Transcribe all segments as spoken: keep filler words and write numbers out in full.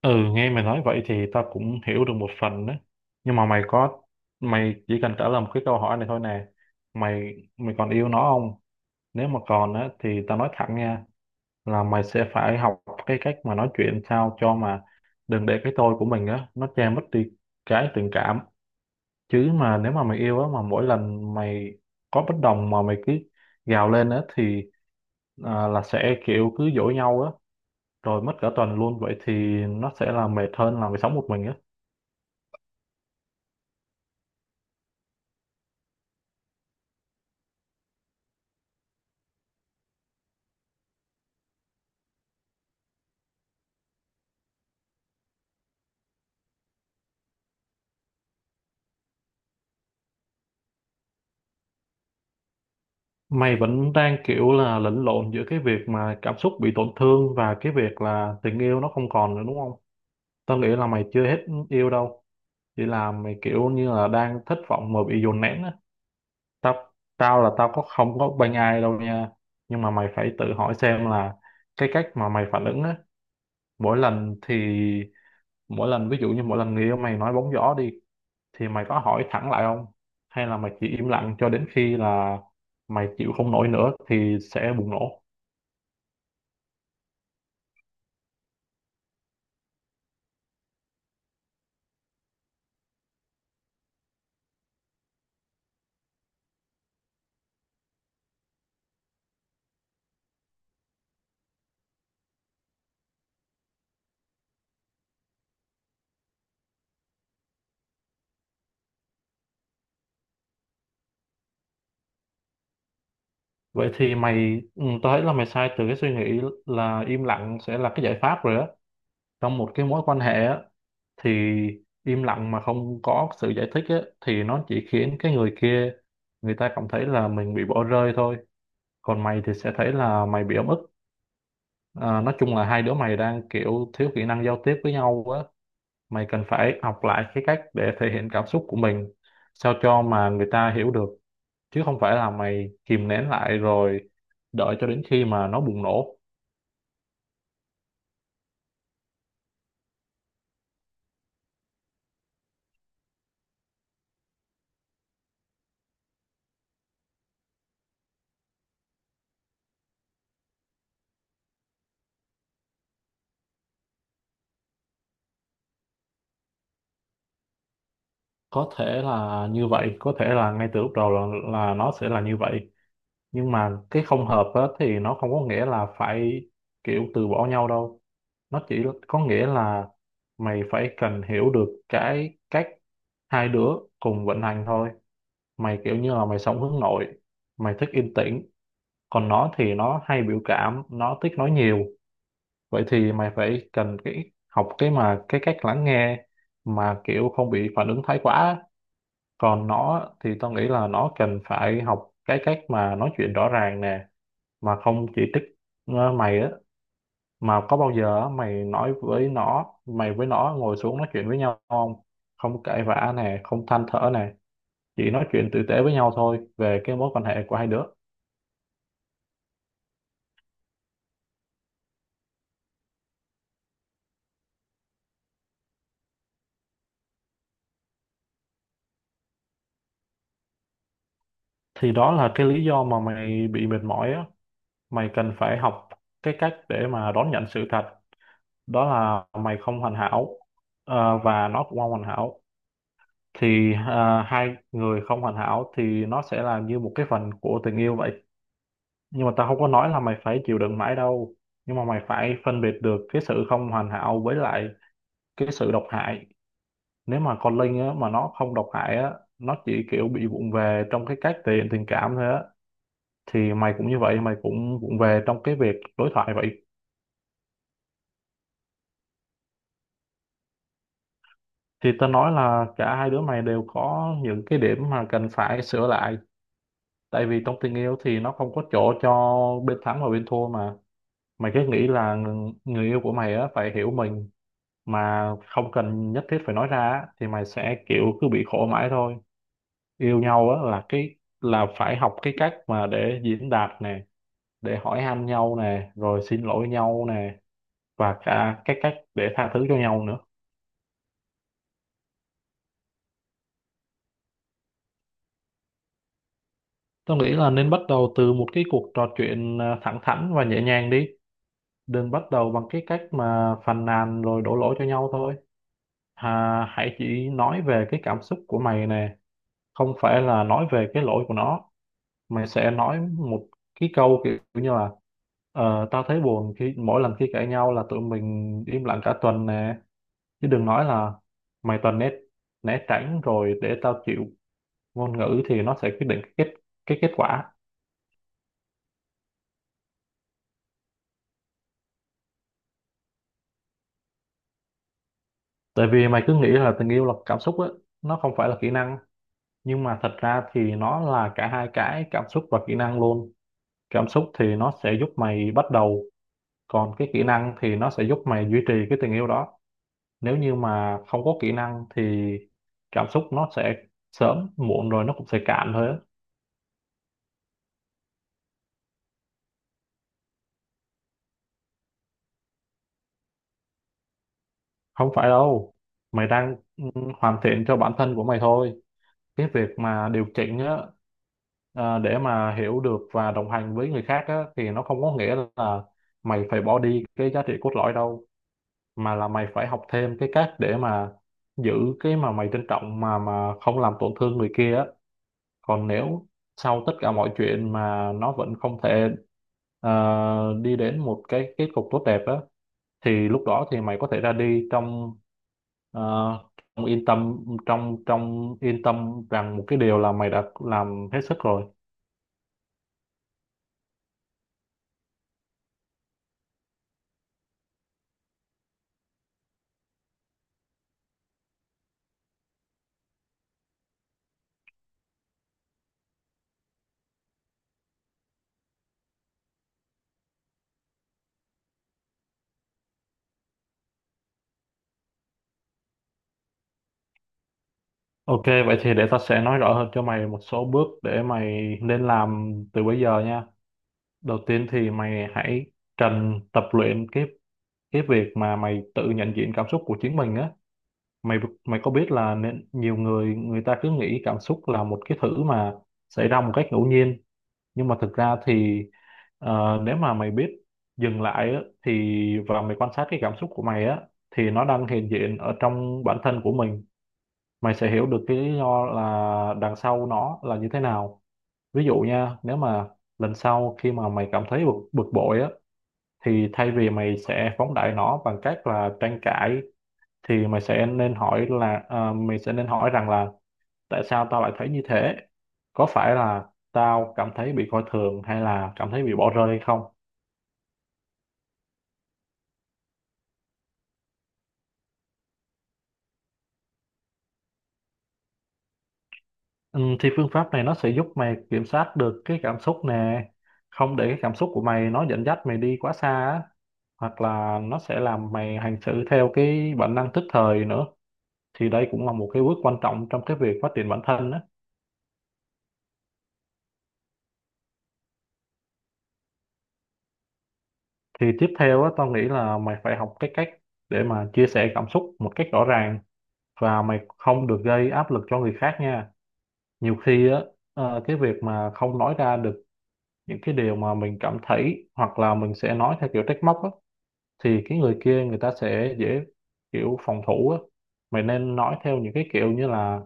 Ừ, nghe mày nói vậy thì tao cũng hiểu được một phần đó. Nhưng mà mày có, mày chỉ cần trả lời một cái câu hỏi này thôi nè. Mày, mày còn yêu nó không? Nếu mà còn á, thì tao nói thẳng nha, là mày sẽ phải học cái cách mà nói chuyện sao cho mà đừng để cái tôi của mình á, nó che mất đi cái tình cảm. Chứ mà nếu mà mày yêu á, mà mỗi lần mày có bất đồng mà mày cứ gào lên á, thì à, là sẽ kiểu cứ dỗi nhau á, rồi mất cả tuần luôn. Vậy thì nó sẽ là mệt hơn là mày sống một mình á. Mày vẫn đang kiểu là lẫn lộn giữa cái việc mà cảm xúc bị tổn thương và cái việc là tình yêu nó không còn nữa đúng không? Tao nghĩ là mày chưa hết yêu đâu, chỉ là mày kiểu như là đang thất vọng mà bị dồn nén á. Tao tao là tao có không có bênh ai đâu nha, nhưng mà mày phải tự hỏi xem là cái cách mà mày phản ứng á, mỗi lần thì mỗi lần ví dụ như mỗi lần người yêu mày nói bóng gió đi thì mày có hỏi thẳng lại không? Hay là mày chỉ im lặng cho đến khi là mày chịu không nổi nữa thì sẽ bùng nổ? Vậy thì mày, ừ, tao thấy là mày sai từ cái suy nghĩ là im lặng sẽ là cái giải pháp rồi á. Trong một cái mối quan hệ á, thì im lặng mà không có sự giải thích á, thì nó chỉ khiến cái người kia, người ta cảm thấy là mình bị bỏ rơi thôi. Còn mày thì sẽ thấy là mày bị ấm ức. À, nói chung là hai đứa mày đang kiểu thiếu kỹ năng giao tiếp với nhau á. Mày cần phải học lại cái cách để thể hiện cảm xúc của mình, sao cho mà người ta hiểu được. Chứ không phải là mày kìm nén lại rồi đợi cho đến khi mà nó bùng nổ. Có thể là như vậy, có thể là ngay từ lúc đầu là, là nó sẽ là như vậy, nhưng mà cái không hợp á, thì nó không có nghĩa là phải kiểu từ bỏ nhau đâu. Nó chỉ có nghĩa là mày phải cần hiểu được cái cách hai đứa cùng vận hành thôi. Mày kiểu như là mày sống hướng nội, mày thích yên tĩnh, còn nó thì nó hay biểu cảm, nó thích nói nhiều. Vậy thì mày phải cần cái học cái mà cái cách lắng nghe mà kiểu không bị phản ứng thái quá á. Còn nó thì tao nghĩ là nó cần phải học cái cách mà nói chuyện rõ ràng nè, mà không chỉ trích. ờ, mày á, mà có bao giờ á, mày nói với nó mày với nó ngồi xuống nói chuyện với nhau không, không cãi vã nè, không than thở nè, chỉ nói chuyện tử tế với nhau thôi về cái mối quan hệ của hai đứa. Thì đó là cái lý do mà mày bị mệt mỏi á. Mày cần phải học cái cách để mà đón nhận sự thật, đó là mày không hoàn hảo, ờ, và nó cũng không hoàn hảo. Thì à, hai người không hoàn hảo thì nó sẽ là như một cái phần của tình yêu vậy. Nhưng mà tao không có nói là mày phải chịu đựng mãi đâu, nhưng mà mày phải phân biệt được cái sự không hoàn hảo với lại cái sự độc hại. Nếu mà con Linh á, mà nó không độc hại á, nó chỉ kiểu bị vụng về trong cái cách thể hiện tình cảm thôi á, thì mày cũng như vậy, mày cũng vụng về trong cái việc đối thoại vậy. Thì tao nói là cả hai đứa mày đều có những cái điểm mà cần phải sửa lại, tại vì trong tình yêu thì nó không có chỗ cho bên thắng và bên thua mà. Mày cứ nghĩ là người yêu của mày á phải hiểu mình mà không cần nhất thiết phải nói ra á, thì mày sẽ kiểu cứ bị khổ mãi thôi. Yêu nhau á là cái là phải học cái cách mà để diễn đạt nè, để hỏi han nhau nè, rồi xin lỗi nhau nè, và cả cái cách để tha thứ cho nhau nữa. Tôi nghĩ là nên bắt đầu từ một cái cuộc trò chuyện à, thẳng thắn và nhẹ nhàng đi. Đừng bắt đầu bằng cái cách mà phàn nàn rồi đổ lỗi cho nhau thôi. à, hãy chỉ nói về cái cảm xúc của mày nè, không phải là nói về cái lỗi của nó, mà sẽ nói một cái câu kiểu như là ờ, tao thấy buồn khi mỗi lần khi cãi nhau là tụi mình im lặng cả tuần nè. Chứ đừng nói là mày toàn né né tránh rồi để tao chịu. Ngôn ngữ thì nó sẽ quyết định cái kết cái kết quả. Tại vì mày cứ nghĩ là tình yêu là cảm xúc á, nó không phải là kỹ năng, nhưng mà thật ra thì nó là cả hai, cái cảm xúc và kỹ năng luôn. Cảm xúc thì nó sẽ giúp mày bắt đầu, còn cái kỹ năng thì nó sẽ giúp mày duy trì cái tình yêu đó. Nếu như mà không có kỹ năng thì cảm xúc nó sẽ sớm muộn rồi nó cũng sẽ cạn thôi á. Không phải đâu, mày đang ừ, hoàn thiện cho bản thân của mày thôi. Cái việc mà điều chỉnh á, à, để mà hiểu được và đồng hành với người khác á, thì nó không có nghĩa là mày phải bỏ đi cái giá trị cốt lõi đâu, mà là mày phải học thêm cái cách để mà giữ cái mà mày trân trọng mà mà không làm tổn thương người kia á. Còn nếu sau tất cả mọi chuyện mà nó vẫn không thể ờ, đi đến một cái kết cục tốt đẹp á, thì lúc đó thì mày có thể ra đi trong ờ, trong yên tâm trong trong yên tâm rằng một cái điều là mày đã làm hết sức rồi. OK, vậy thì để tao sẽ nói rõ hơn cho mày một số bước để mày nên làm từ bây giờ nha. Đầu tiên thì mày hãy trần tập luyện cái cái việc mà mày tự nhận diện cảm xúc của chính mình á. Mày mày có biết là nên nhiều người người ta cứ nghĩ cảm xúc là một cái thứ mà xảy ra một cách ngẫu nhiên, nhưng mà thực ra thì ờ, nếu mà mày biết dừng lại á, thì và mày quan sát cái cảm xúc của mày á, thì nó đang hiện diện ở trong bản thân của mình, mày sẽ hiểu được cái lý do là đằng sau nó là như thế nào. Ví dụ nha, nếu mà lần sau khi mà mày cảm thấy bực, bực bội á, thì thay vì mày sẽ phóng đại nó bằng cách là tranh cãi, thì mày sẽ nên hỏi là à, mày sẽ nên hỏi rằng là tại sao tao lại thấy như thế. Có phải là tao cảm thấy bị coi thường, hay là cảm thấy bị bỏ rơi hay không? Ừ, thì phương pháp này nó sẽ giúp mày kiểm soát được cái cảm xúc nè, không để cái cảm xúc của mày nó dẫn dắt mày đi quá xa á, hoặc là nó sẽ làm mày hành xử theo cái bản năng tức thời nữa. Thì đây cũng là một cái bước quan trọng trong cái việc phát triển bản thân á. Thì tiếp theo á, tao nghĩ là mày phải học cái cách để mà chia sẻ cảm xúc một cách rõ ràng, và mày không được gây áp lực cho người khác nha. Nhiều khi á, ờ, cái việc mà không nói ra được những cái điều mà mình cảm thấy, hoặc là mình sẽ nói theo kiểu trách móc á, thì cái người kia người ta sẽ dễ kiểu phòng thủ á. Mày nên nói theo những cái kiểu như là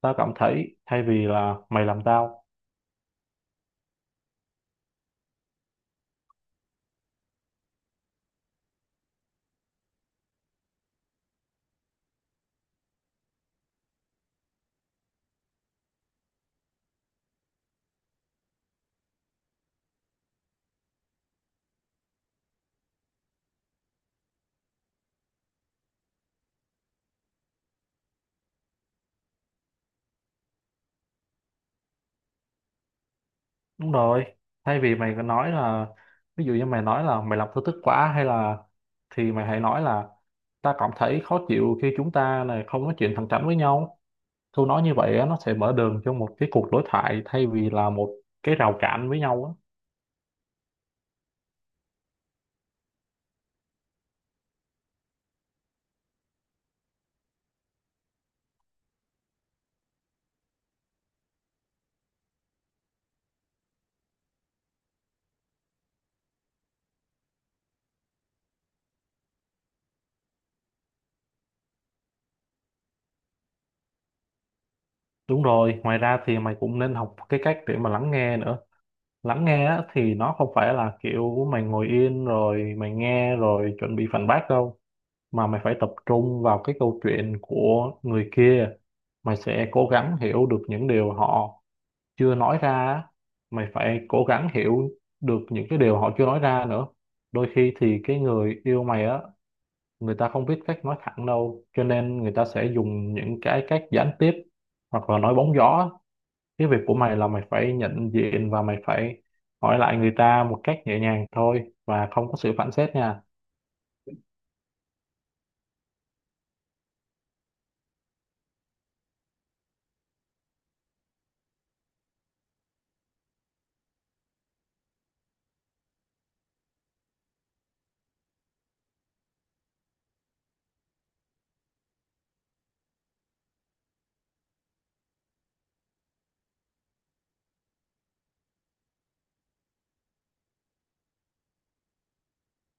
tao cảm thấy, thay vì là mày làm tao. Đúng rồi, thay vì mày có nói là ví dụ như mày nói là mày làm tao tức quá hay là, thì mày hãy nói là ta cảm thấy khó chịu khi chúng ta này không nói chuyện thẳng thắn với nhau. Thu nói như vậy á, nó sẽ mở đường cho một cái cuộc đối thoại thay vì là một cái rào cản với nhau á. Đúng rồi, ngoài ra thì mày cũng nên học cái cách để mà lắng nghe nữa. Lắng nghe á, thì nó không phải là kiểu mày ngồi yên rồi mày nghe rồi chuẩn bị phản bác đâu. Mà mày phải tập trung vào cái câu chuyện của người kia. Mày sẽ cố gắng hiểu được những điều họ chưa nói ra. Á. Mày phải cố gắng hiểu được những cái điều họ chưa nói ra nữa. Đôi khi thì cái người yêu mày á, người ta không biết cách nói thẳng đâu, cho nên người ta sẽ dùng những cái cách gián tiếp hoặc là nói bóng gió. Cái việc của mày là mày phải nhận diện và mày phải hỏi lại người ta một cách nhẹ nhàng thôi và không có sự phản xét nha.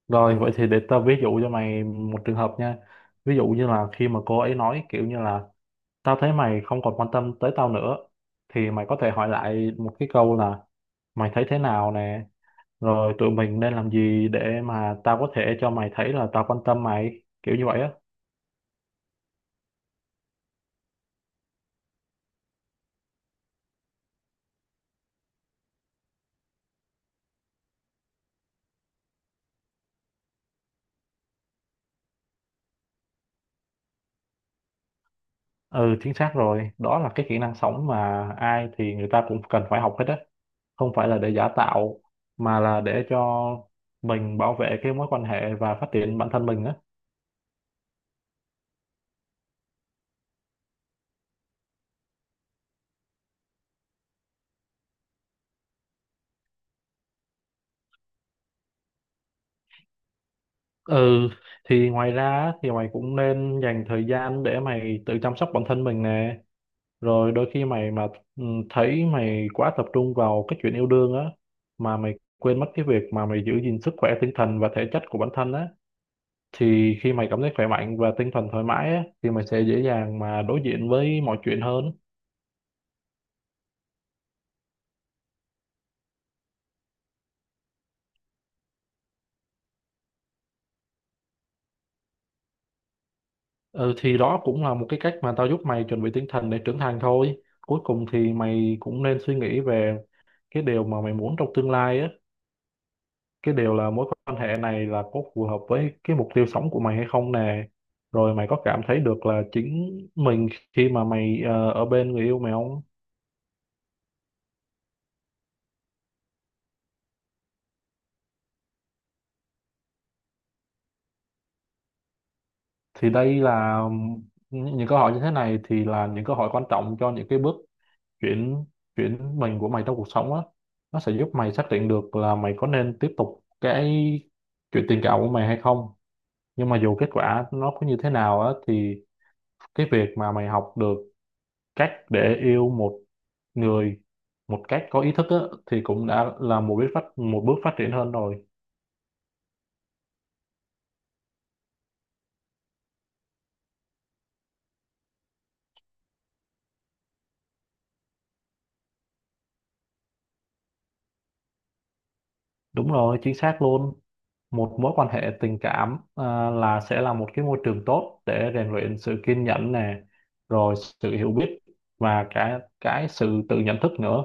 Rồi vậy thì để tao ví dụ cho mày một trường hợp nha. Ví dụ như là khi mà cô ấy nói kiểu như là tao thấy mày không còn quan tâm tới tao nữa, thì mày có thể hỏi lại một cái câu là mày thấy thế nào nè, rồi tụi mình nên làm gì để mà tao có thể cho mày thấy là tao quan tâm mày, kiểu như vậy á. Ừ, chính xác rồi, đó là cái kỹ năng sống mà ai thì người ta cũng cần phải học hết á. Không phải là để giả tạo, mà là để cho mình bảo vệ cái mối quan hệ và phát triển bản thân mình á. Ừ, thì ngoài ra á, thì mày cũng nên dành thời gian để mày tự chăm sóc bản thân mình nè. Rồi đôi khi mày mà ừ, thấy mày quá tập trung vào cái chuyện yêu đương á, mà mày quên mất cái việc mà mày giữ gìn sức khỏe tinh thần và thể chất của bản thân á, thì khi mày cảm thấy khỏe mạnh và tinh thần thoải mái á thì mày sẽ dễ dàng mà đối diện với mọi chuyện hơn. Ừ, thì đó cũng là một cái cách mà tao giúp mày chuẩn bị tinh thần để trưởng thành thôi. Cuối cùng thì mày cũng nên suy nghĩ về cái điều mà mày muốn trong tương lai á, cái điều là mối quan hệ này là có phù hợp với cái mục tiêu sống của mày hay không nè, rồi mày có cảm thấy được là chính mình khi mà mày ờ, ở bên người yêu mày không. Thì đây là những những câu hỏi như thế này thì là những câu hỏi quan trọng cho những cái bước chuyển chuyển mình của mày trong cuộc sống á. Nó sẽ giúp mày xác định được là mày có nên tiếp tục cái chuyện tình cảm của mày hay không. Nhưng mà dù kết quả nó có như thế nào á, thì cái việc mà mày học được cách để yêu một người một cách có ý thức á, thì cũng đã là một bước phát một bước phát triển hơn rồi. Đúng rồi, chính xác luôn. Một mối quan hệ tình cảm à, là sẽ là một cái môi trường tốt để rèn luyện sự kiên nhẫn nè, rồi sự hiểu biết và cả cái sự tự nhận thức nữa.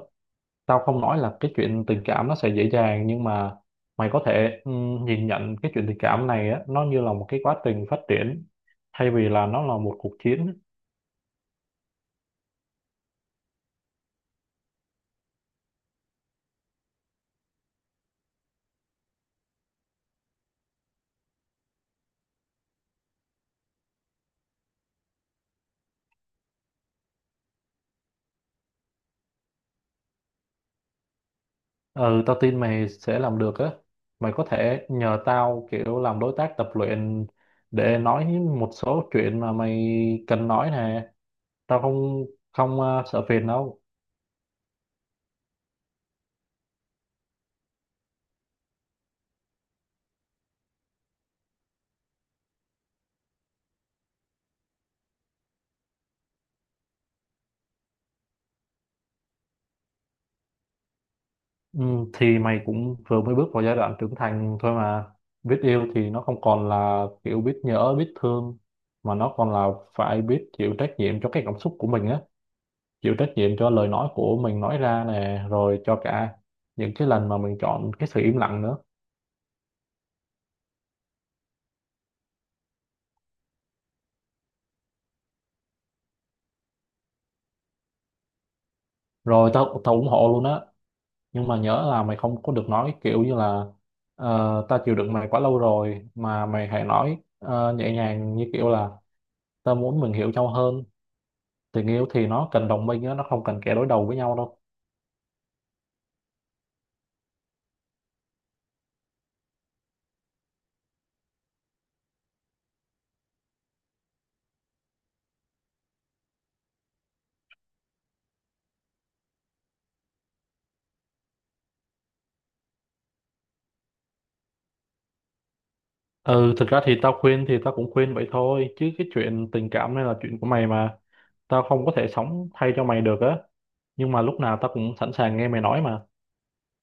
Tao không nói là cái chuyện tình cảm nó sẽ dễ dàng, nhưng mà mày có thể ừm, nhìn nhận cái chuyện tình cảm này á, nó như là một cái quá trình phát triển thay vì là nó là một cuộc chiến. Ừ, tao tin mày sẽ làm được á. Mày có thể nhờ tao kiểu làm đối tác tập luyện để nói một số chuyện mà mày cần nói nè. Tao không không ờ, sợ phiền đâu. Ừ, thì mày cũng vừa mới bước vào giai đoạn trưởng thành thôi mà. Biết yêu thì nó không còn là kiểu biết nhớ, biết thương, mà nó còn là phải biết chịu trách nhiệm cho cái cảm xúc của mình á, chịu trách nhiệm cho lời nói của mình nói ra nè, rồi cho cả những cái lần mà mình chọn cái sự im lặng nữa. Rồi tao tao ủng hộ luôn á. Nhưng mà nhớ là mày không có được nói cái kiểu như là "Ờ, ta chịu đựng mày quá lâu rồi" mà mày hãy nói ờ, nhẹ nhàng như kiểu là ta muốn mình hiểu nhau hơn. Tình yêu thì nó cần đồng minh á, nó không cần kẻ đối đầu với nhau đâu. Ừ, thực ra thì tao khuyên thì tao cũng khuyên vậy thôi, chứ cái chuyện tình cảm này là chuyện của mày mà. Tao không có thể sống thay cho mày được á, nhưng mà lúc nào tao cũng sẵn sàng nghe mày nói mà.